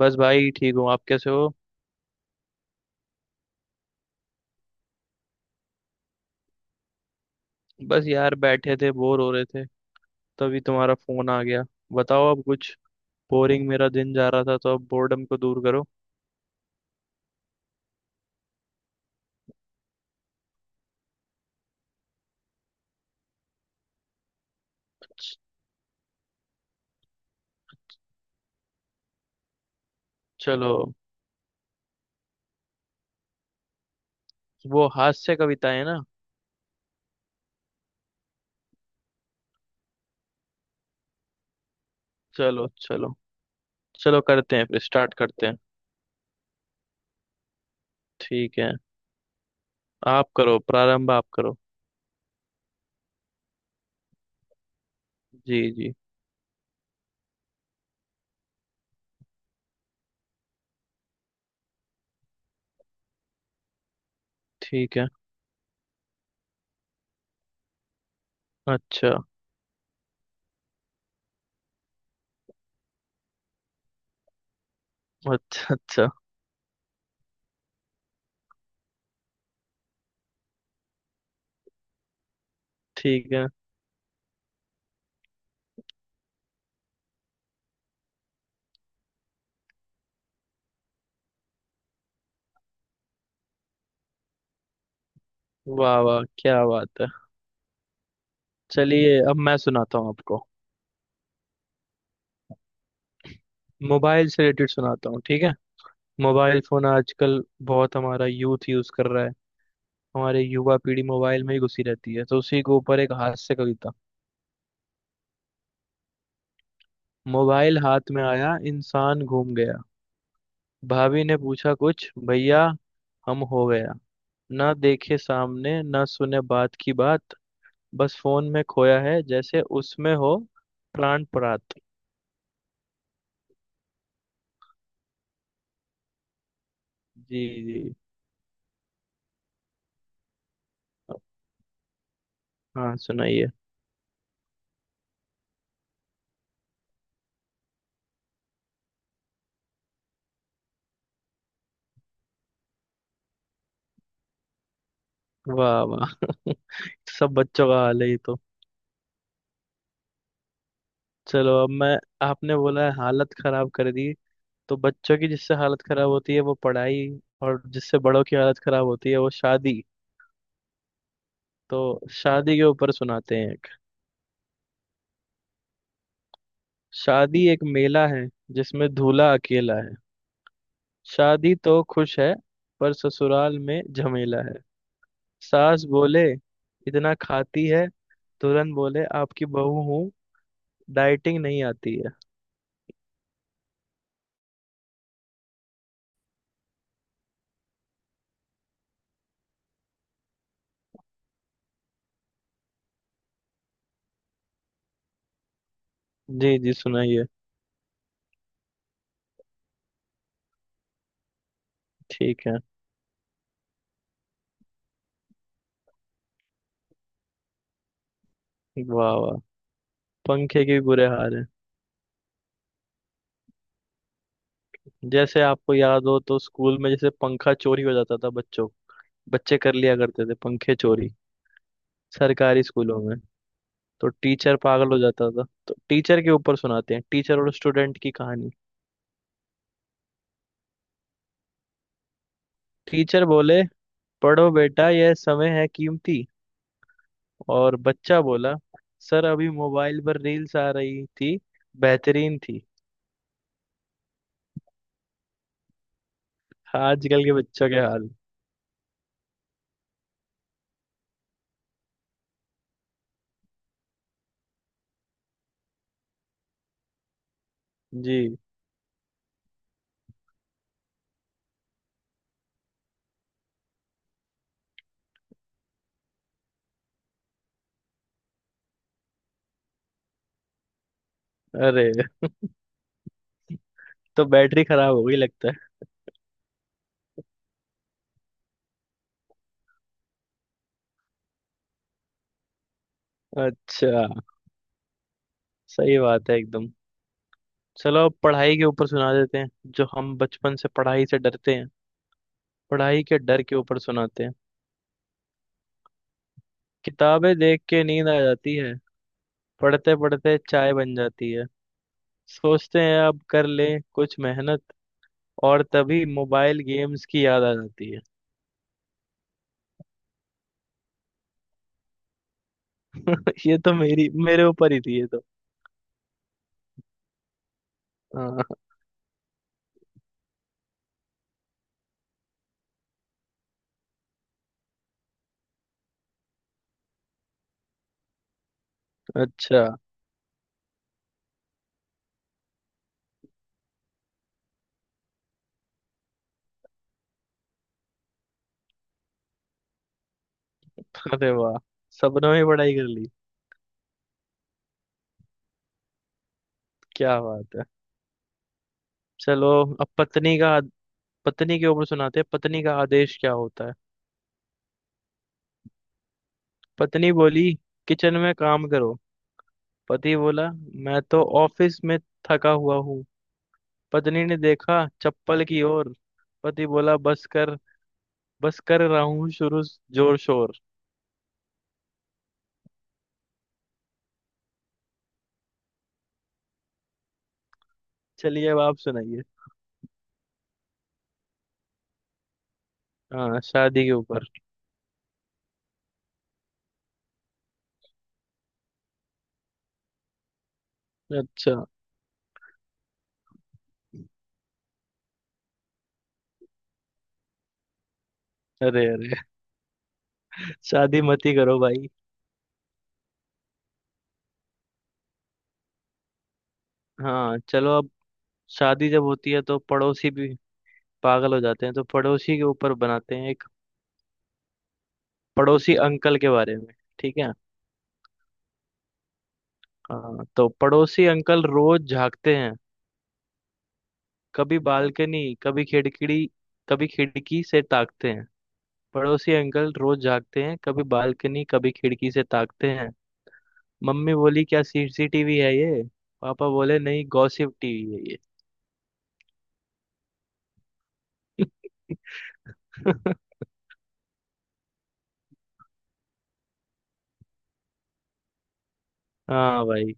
बस भाई ठीक हूँ। आप कैसे हो? बस यार बैठे थे बोर हो रहे थे। तभी तुम्हारा फोन आ गया। बताओ अब कुछ। बोरिंग मेरा दिन जा रहा था तो अब बोर्डम को दूर करो। चलो। वो हास्य कविताएं ना? चलो चलो। चलो करते हैं, फिर स्टार्ट करते हैं। ठीक है। आप करो प्रारंभ। आप करो। जी जी। ठीक है। अच्छा। अच्छा अच्छा। ठीक है। वाह वाह, क्या बात है। चलिए अब मैं सुनाता हूँ आपको। मोबाइल से रिलेटेड सुनाता हूँ, ठीक है। मोबाइल फोन आजकल बहुत हमारा यूथ यूज कर रहा है। हमारे युवा पीढ़ी मोबाइल में ही घुसी रहती है, तो उसी के ऊपर एक हास्य कविता। मोबाइल हाथ में आया, इंसान घूम गया। भाभी ने पूछा कुछ भैया, हम हो गया। ना देखे सामने, ना सुने बात की बात। बस फोन में खोया है जैसे उसमें हो प्राण प्रात। जी। जी। हाँ सुनाइए। वाह वाह। सब बच्चों का हाल है ये तो। चलो अब मैं। आपने बोला है हालत खराब कर दी। तो बच्चों की जिससे हालत खराब होती है वो पढ़ाई। और जिससे बड़ों की हालत खराब होती है वो शादी। तो शादी के ऊपर सुनाते हैं एक। शादी एक मेला है, जिसमें दूल्हा अकेला है। शादी तो खुश है, पर ससुराल में झमेला है। सास बोले इतना खाती है, तुरंत बोले आपकी बहू हूँ, डाइटिंग नहीं आती है। जी। जी सुनाइए। ठीक है। वाह वाह। पंखे के भी बुरे हाल है। जैसे आपको याद हो तो स्कूल में जैसे पंखा चोरी हो जाता था, बच्चों, बच्चे कर लिया करते थे पंखे चोरी। सरकारी स्कूलों में तो टीचर पागल हो जाता था, तो टीचर के ऊपर सुनाते हैं, टीचर और स्टूडेंट की कहानी। टीचर बोले पढ़ो बेटा, यह समय है कीमती। और बच्चा बोला सर अभी मोबाइल पर रील्स आ रही थी, बेहतरीन थी। आजकल के बच्चों के हाल। जी। अरे। तो बैटरी खराब हो गई लगता है। अच्छा। सही बात है एकदम। चलो अब पढ़ाई के ऊपर सुना देते हैं। जो हम बचपन से पढ़ाई से डरते हैं, पढ़ाई के डर के ऊपर सुनाते हैं। किताबें देख के नींद आ जाती है। पढ़ते पढ़ते चाय बन जाती है। सोचते हैं अब कर लें कुछ मेहनत, और तभी मोबाइल गेम्स की याद आ जाती है। ये तो मेरी, मेरे ऊपर ही थी ये तो। हाँ। अच्छा। अरे वाह। सबने ही पढ़ाई कर ली। क्या बात है। चलो अब पत्नी का, पत्नी के ऊपर सुनाते हैं पत्नी का आदेश क्या होता है। पत्नी बोली किचन में काम करो। पति बोला मैं तो ऑफिस में थका हुआ हूँ। पत्नी ने देखा चप्पल की ओर। पति बोला बस कर, बस कर रहा हूँ शुरू जोर शोर। चलिए अब आप सुनाइए। हाँ शादी के ऊपर। अच्छा। अरे अरे। शादी मत ही करो भाई। हाँ चलो अब, शादी जब होती है तो पड़ोसी भी पागल हो जाते हैं, तो पड़ोसी के ऊपर बनाते हैं एक। पड़ोसी अंकल के बारे में। ठीक है। हाँ तो पड़ोसी अंकल रोज झांकते हैं, कभी बालकनी कभी खिड़की, कभी खिड़की से ताकते हैं। पड़ोसी अंकल रोज जागते हैं, कभी बालकनी कभी खिड़की से ताकते हैं। मम्मी बोली क्या सीसीटीवी है ये, पापा बोले नहीं गॉसिप टीवी है ये। हाँ भाई।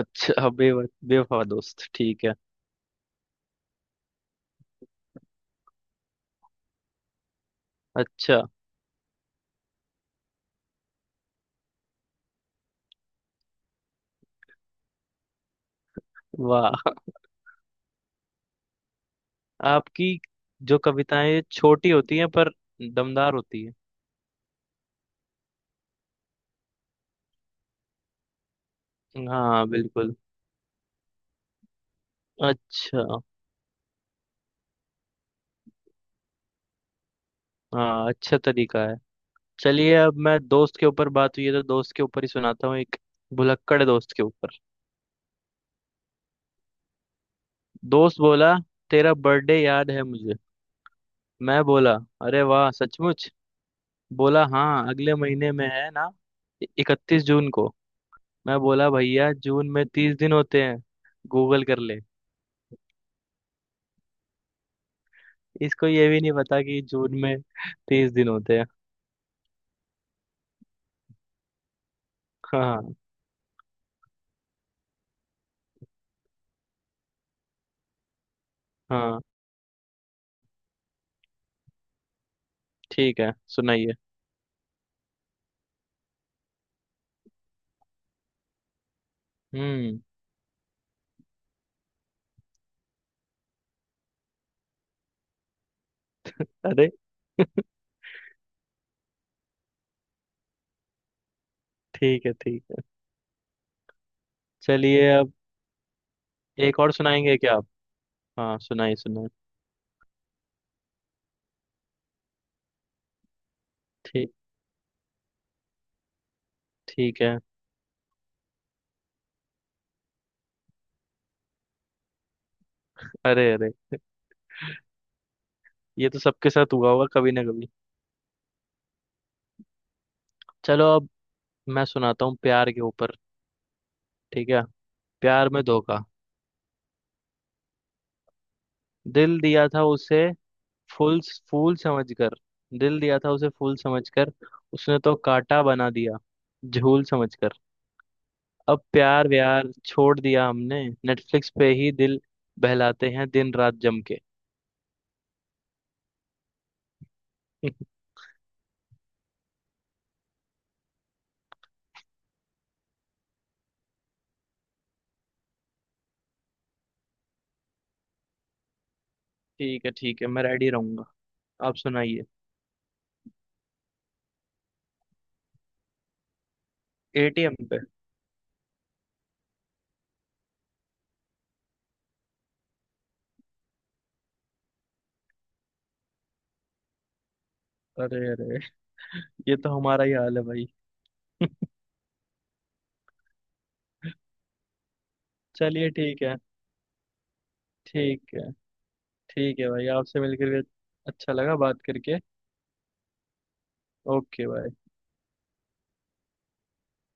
अच्छा, बे, बेवफा दोस्त, ठीक है। अच्छा। वाह। आपकी जो कविताएं छोटी होती हैं पर दमदार होती है। हाँ बिल्कुल। अच्छा। हाँ अच्छा तरीका है। चलिए अब मैं, दोस्त के ऊपर बात हुई है तो दोस्त के ऊपर ही सुनाता हूँ एक। भुलक्कड़ दोस्त के ऊपर। दोस्त बोला तेरा बर्थडे याद है मुझे। मैं बोला अरे वाह सचमुच। बोला हाँ अगले महीने में है ना, 31 जून को। मैं बोला भैया जून में 30 दिन होते हैं, गूगल कर ले। इसको ये भी नहीं पता कि जून में 30 दिन होते हैं। हाँ हाँ। ठीक है सुनाइए। हम्म। अरे। ठीक है ठीक है। चलिए अब। एक और सुनाएंगे क्या आप? हाँ सुनाइए सुनाइए। ठीक। ठीक है। अरे अरे। ये तो सबके साथ हुआ होगा कभी ना कभी। चलो अब मैं सुनाता हूँ प्यार के ऊपर। ठीक है। प्यार में धोखा। दिल दिया था उसे फूल, फूल समझकर। दिल दिया था उसे फूल समझकर, उसने तो कांटा बना दिया झूल समझकर। अब प्यार व्यार छोड़ दिया हमने, नेटफ्लिक्स पे ही दिल बहलाते हैं दिन रात जम के। ठीक है ठीक है, मैं रेडी रहूंगा। आप सुनाइए। एटीएम पे? अरे अरे। ये तो हमारा ही हाल है भाई। चलिए ठीक है। ठीक है। ठीक है भाई, आपसे मिलकर भी अच्छा लगा, बात करके। ओके भाई।